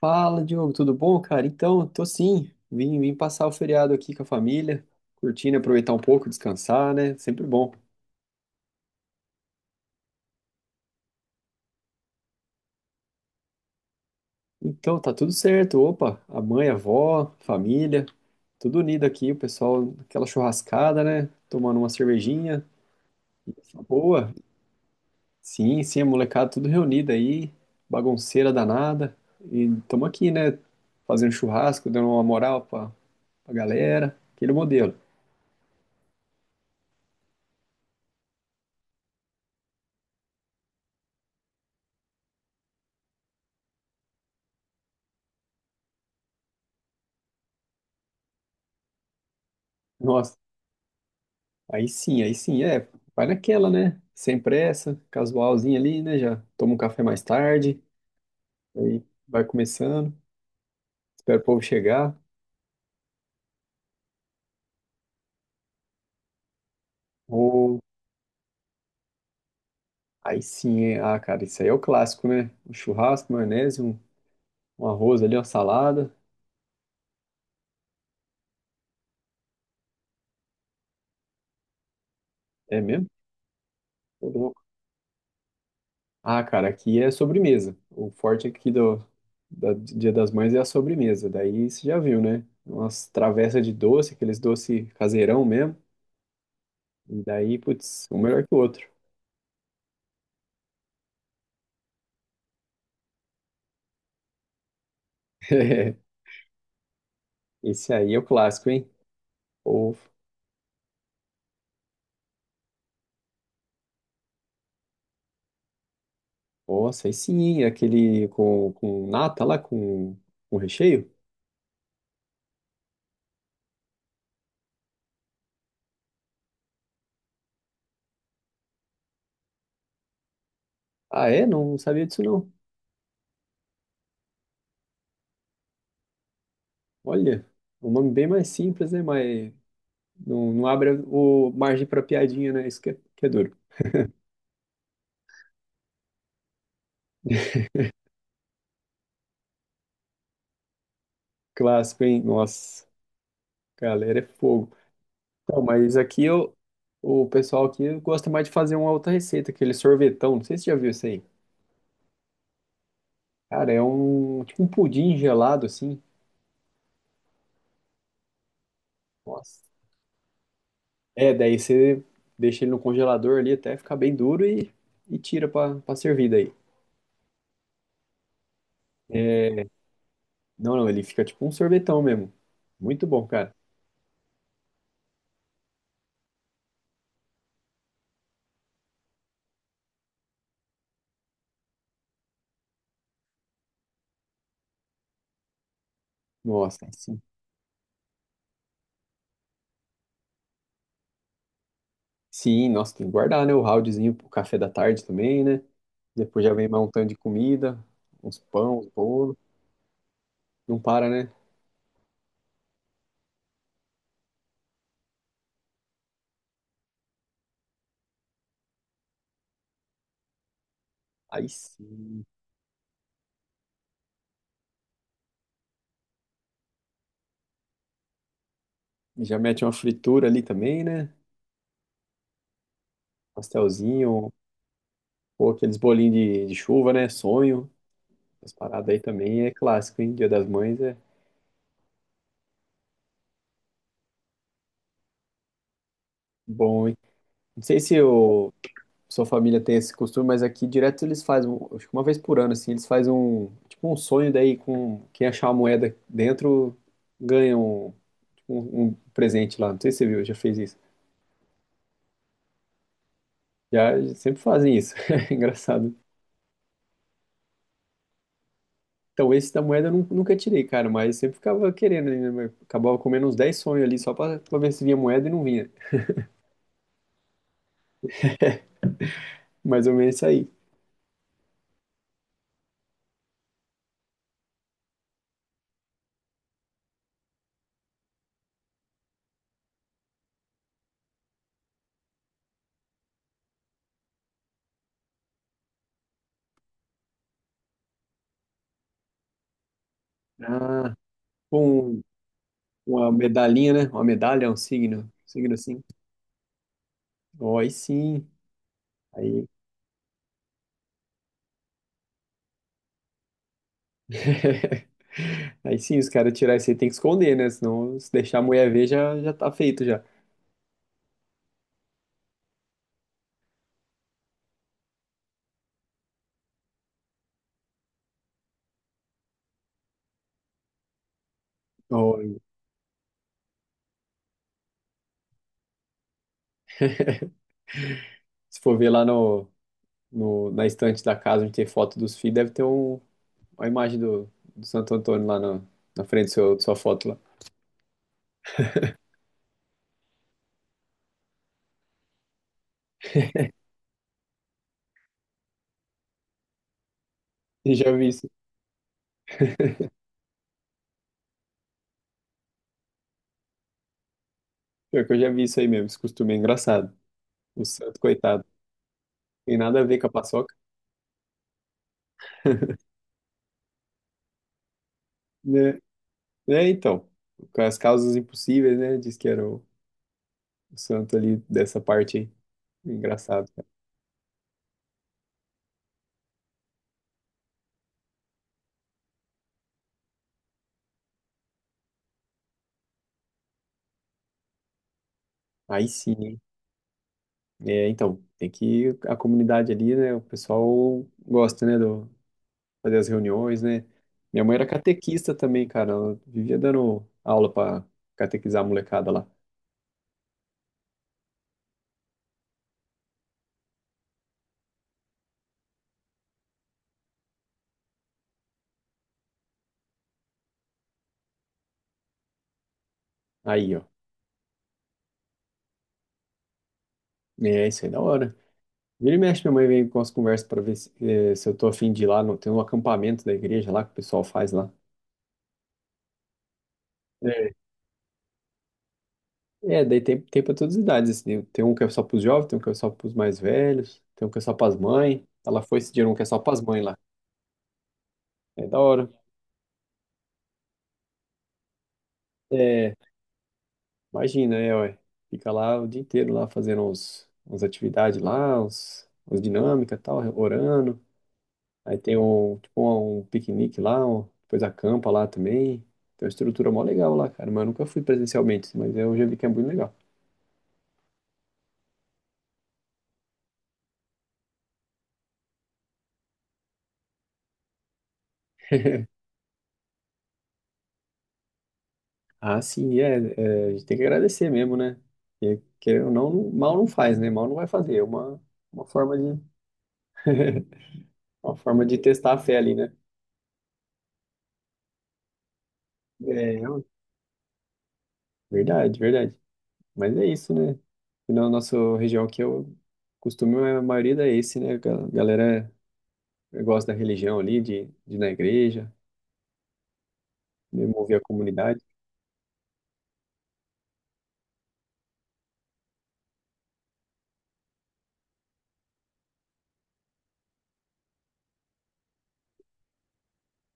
Fala, Diogo, tudo bom, cara? Então, tô sim. Vim passar o feriado aqui com a família, curtindo, aproveitar um pouco, descansar, né? Sempre bom. Então, tá tudo certo. Opa, a mãe, a avó, família, tudo unido aqui, o pessoal, aquela churrascada, né? Tomando uma cervejinha. Tá boa. Sim, sim, a molecada tudo reunida aí, bagunceira danada. E tamo aqui, né? Fazendo churrasco, dando uma moral pra galera, aquele modelo. Nossa. Aí sim, é, vai naquela, né? Sem pressa, casualzinho ali, né? Já toma um café mais tarde, aí vai começando, espera o povo chegar. Ou aí sim, é, ah, cara, isso aí é o clássico, né? Um churrasco, maionese, um arroz ali, uma salada. É mesmo? Tô louco. Ah, cara, aqui é sobremesa. O forte aqui do Dia das Mães é a sobremesa. Daí você já viu, né? Umas travessas de doce, aqueles doce caseirão mesmo. E daí, putz, um melhor que o outro. Esse aí é o clássico, hein? Ou, nossa, aí sim, hein? Aquele com nata lá, com recheio? Ah, é? Não sabia disso, não. Olha, é um nome bem mais simples, né? Mas não abre o margem para piadinha, né? Isso que é duro. Clássico, hein? Nossa, galera, é fogo. Então, mas aqui o pessoal aqui gosta mais de fazer uma outra receita, aquele sorvetão. Não sei se você já viu isso aí. Cara, é um tipo um pudim gelado, assim. Nossa. É, daí você deixa ele no congelador ali até ficar bem duro e tira pra servir daí. Não, não, ele fica tipo um sorvetão mesmo. Muito bom, cara. Nossa, sim. Sim, nossa, tem que guardar, né? O roundzinho pro café da tarde também, né? Depois já vem mais um tanto de comida, uns pão, uns bolo. Não para, né? Aí sim. Já mete uma fritura ali também, né? Pastelzinho, ou aqueles bolinhos de chuva, né? Sonho. As paradas aí também é clássico, hein? Dia das Mães é bom, hein? Não sei se o sua família tem esse costume, mas aqui direto eles fazem, acho que uma vez por ano, assim, eles fazem um, tipo um sonho daí com quem achar a moeda dentro ganha um, tipo, um presente lá. Não sei se você viu, já fez isso. Já sempre fazem isso. É engraçado. Então esse da moeda eu nunca tirei, cara, mas sempre ficava querendo, né? Acabava comendo uns 10 sonhos ali só pra ver se vinha moeda e não vinha. Mais ou menos isso aí. Ah, com uma medalhinha, né? Uma medalha, um signo, signo assim. Ó, aí sim. Aí. Aí sim, os caras tirar isso aí tem que esconder, né? Senão, se deixar a mulher ver, já tá feito já. Ó, se for ver lá na estante da casa onde tem foto dos filhos, deve ter uma imagem do Santo Antônio lá na frente da sua foto lá. Eu já vi isso. Pior que eu já vi isso aí mesmo. Esse costume é engraçado. O santo, coitado. Tem nada a ver com a paçoca, né? É, então. Com as causas impossíveis, né? Diz que era o santo ali dessa parte aí. Engraçado, cara. Aí sim. Hein? É, então, tem que a comunidade ali, né? O pessoal gosta, né, do fazer as reuniões, né? Minha mãe era catequista também, cara. Ela vivia dando aula pra catequizar a molecada lá. Aí, ó. É, isso aí é da hora. Vira e mexe, minha mãe vem com as conversas pra ver se eu tô afim de ir lá. No, tem um acampamento da igreja lá que o pessoal faz lá. É, é, daí tem pra todas as idades, assim. Né? Tem um que é só pros jovens, tem um que é só pros mais velhos, tem um que é só pras mães. Ela foi esse dia um que é só pras mães lá. É da hora. É imagina, é, ué. Fica lá o dia inteiro lá fazendo uns atividades lá, uns dinâmica e tal, orando. Aí tem um, tipo, um piquenique lá, um, depois acampa lá também. Tem uma estrutura mó legal lá, cara, mas eu nunca fui presencialmente, mas eu já vi que é muito legal. Ah, sim, é, a gente tem que agradecer mesmo, né? Porque, querendo ou não, mal não faz, né? Mal não vai fazer, é uma forma de, uma forma de testar a fé ali, né? É, verdade, verdade. Mas é isso, né? E na nossa região aqui, eu costumo, a maioria é esse, né? A galera gosta da religião ali, de ir na igreja, de mover a comunidade.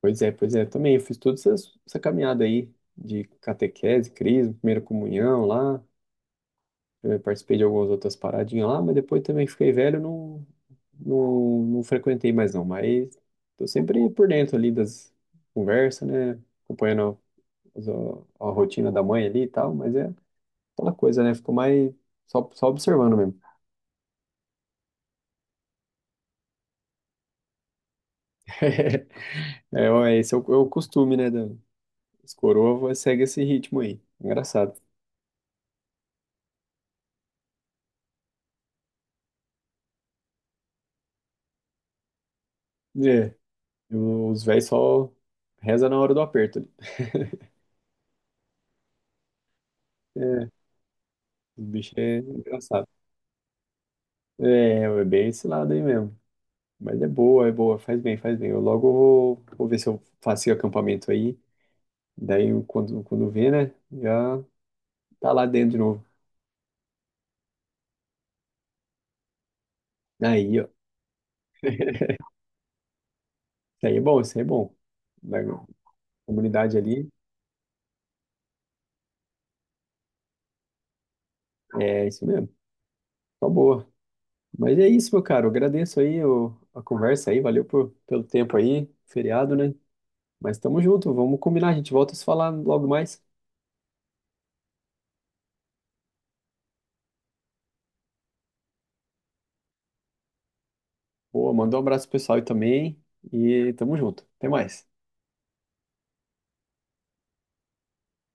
Pois é, pois é. Também eu fiz toda essa caminhada aí de catequese, crisma, primeira comunhão lá. Eu participei de algumas outras paradinhas lá, mas depois também fiquei velho, não frequentei mais não. Mas tô sempre por dentro ali das conversas, né? Acompanhando a rotina da mãe ali e tal, mas é. Aquela coisa, né? Ficou mais só observando mesmo. É, ó, esse é o costume, né? Da os coroa segue esse ritmo aí. Engraçado. É, e os velhos só reza na hora do aperto ali. É, os bichos é engraçado. É, é, bem esse lado aí mesmo. Mas é boa, faz bem, faz bem. Eu logo vou ver se eu faço o acampamento aí. Daí quando vê, né? Já tá lá dentro de novo. Aí, ó. Isso aí é bom, isso aí é bom. Da comunidade ali. É isso mesmo. Tá boa. Mas é isso, meu caro. Eu agradeço aí a conversa aí. Valeu pelo tempo aí. Feriado, né? Mas tamo junto. Vamos combinar. A gente volta a se falar logo mais. Boa, manda um abraço pro pessoal aí também. E tamo junto. Até mais.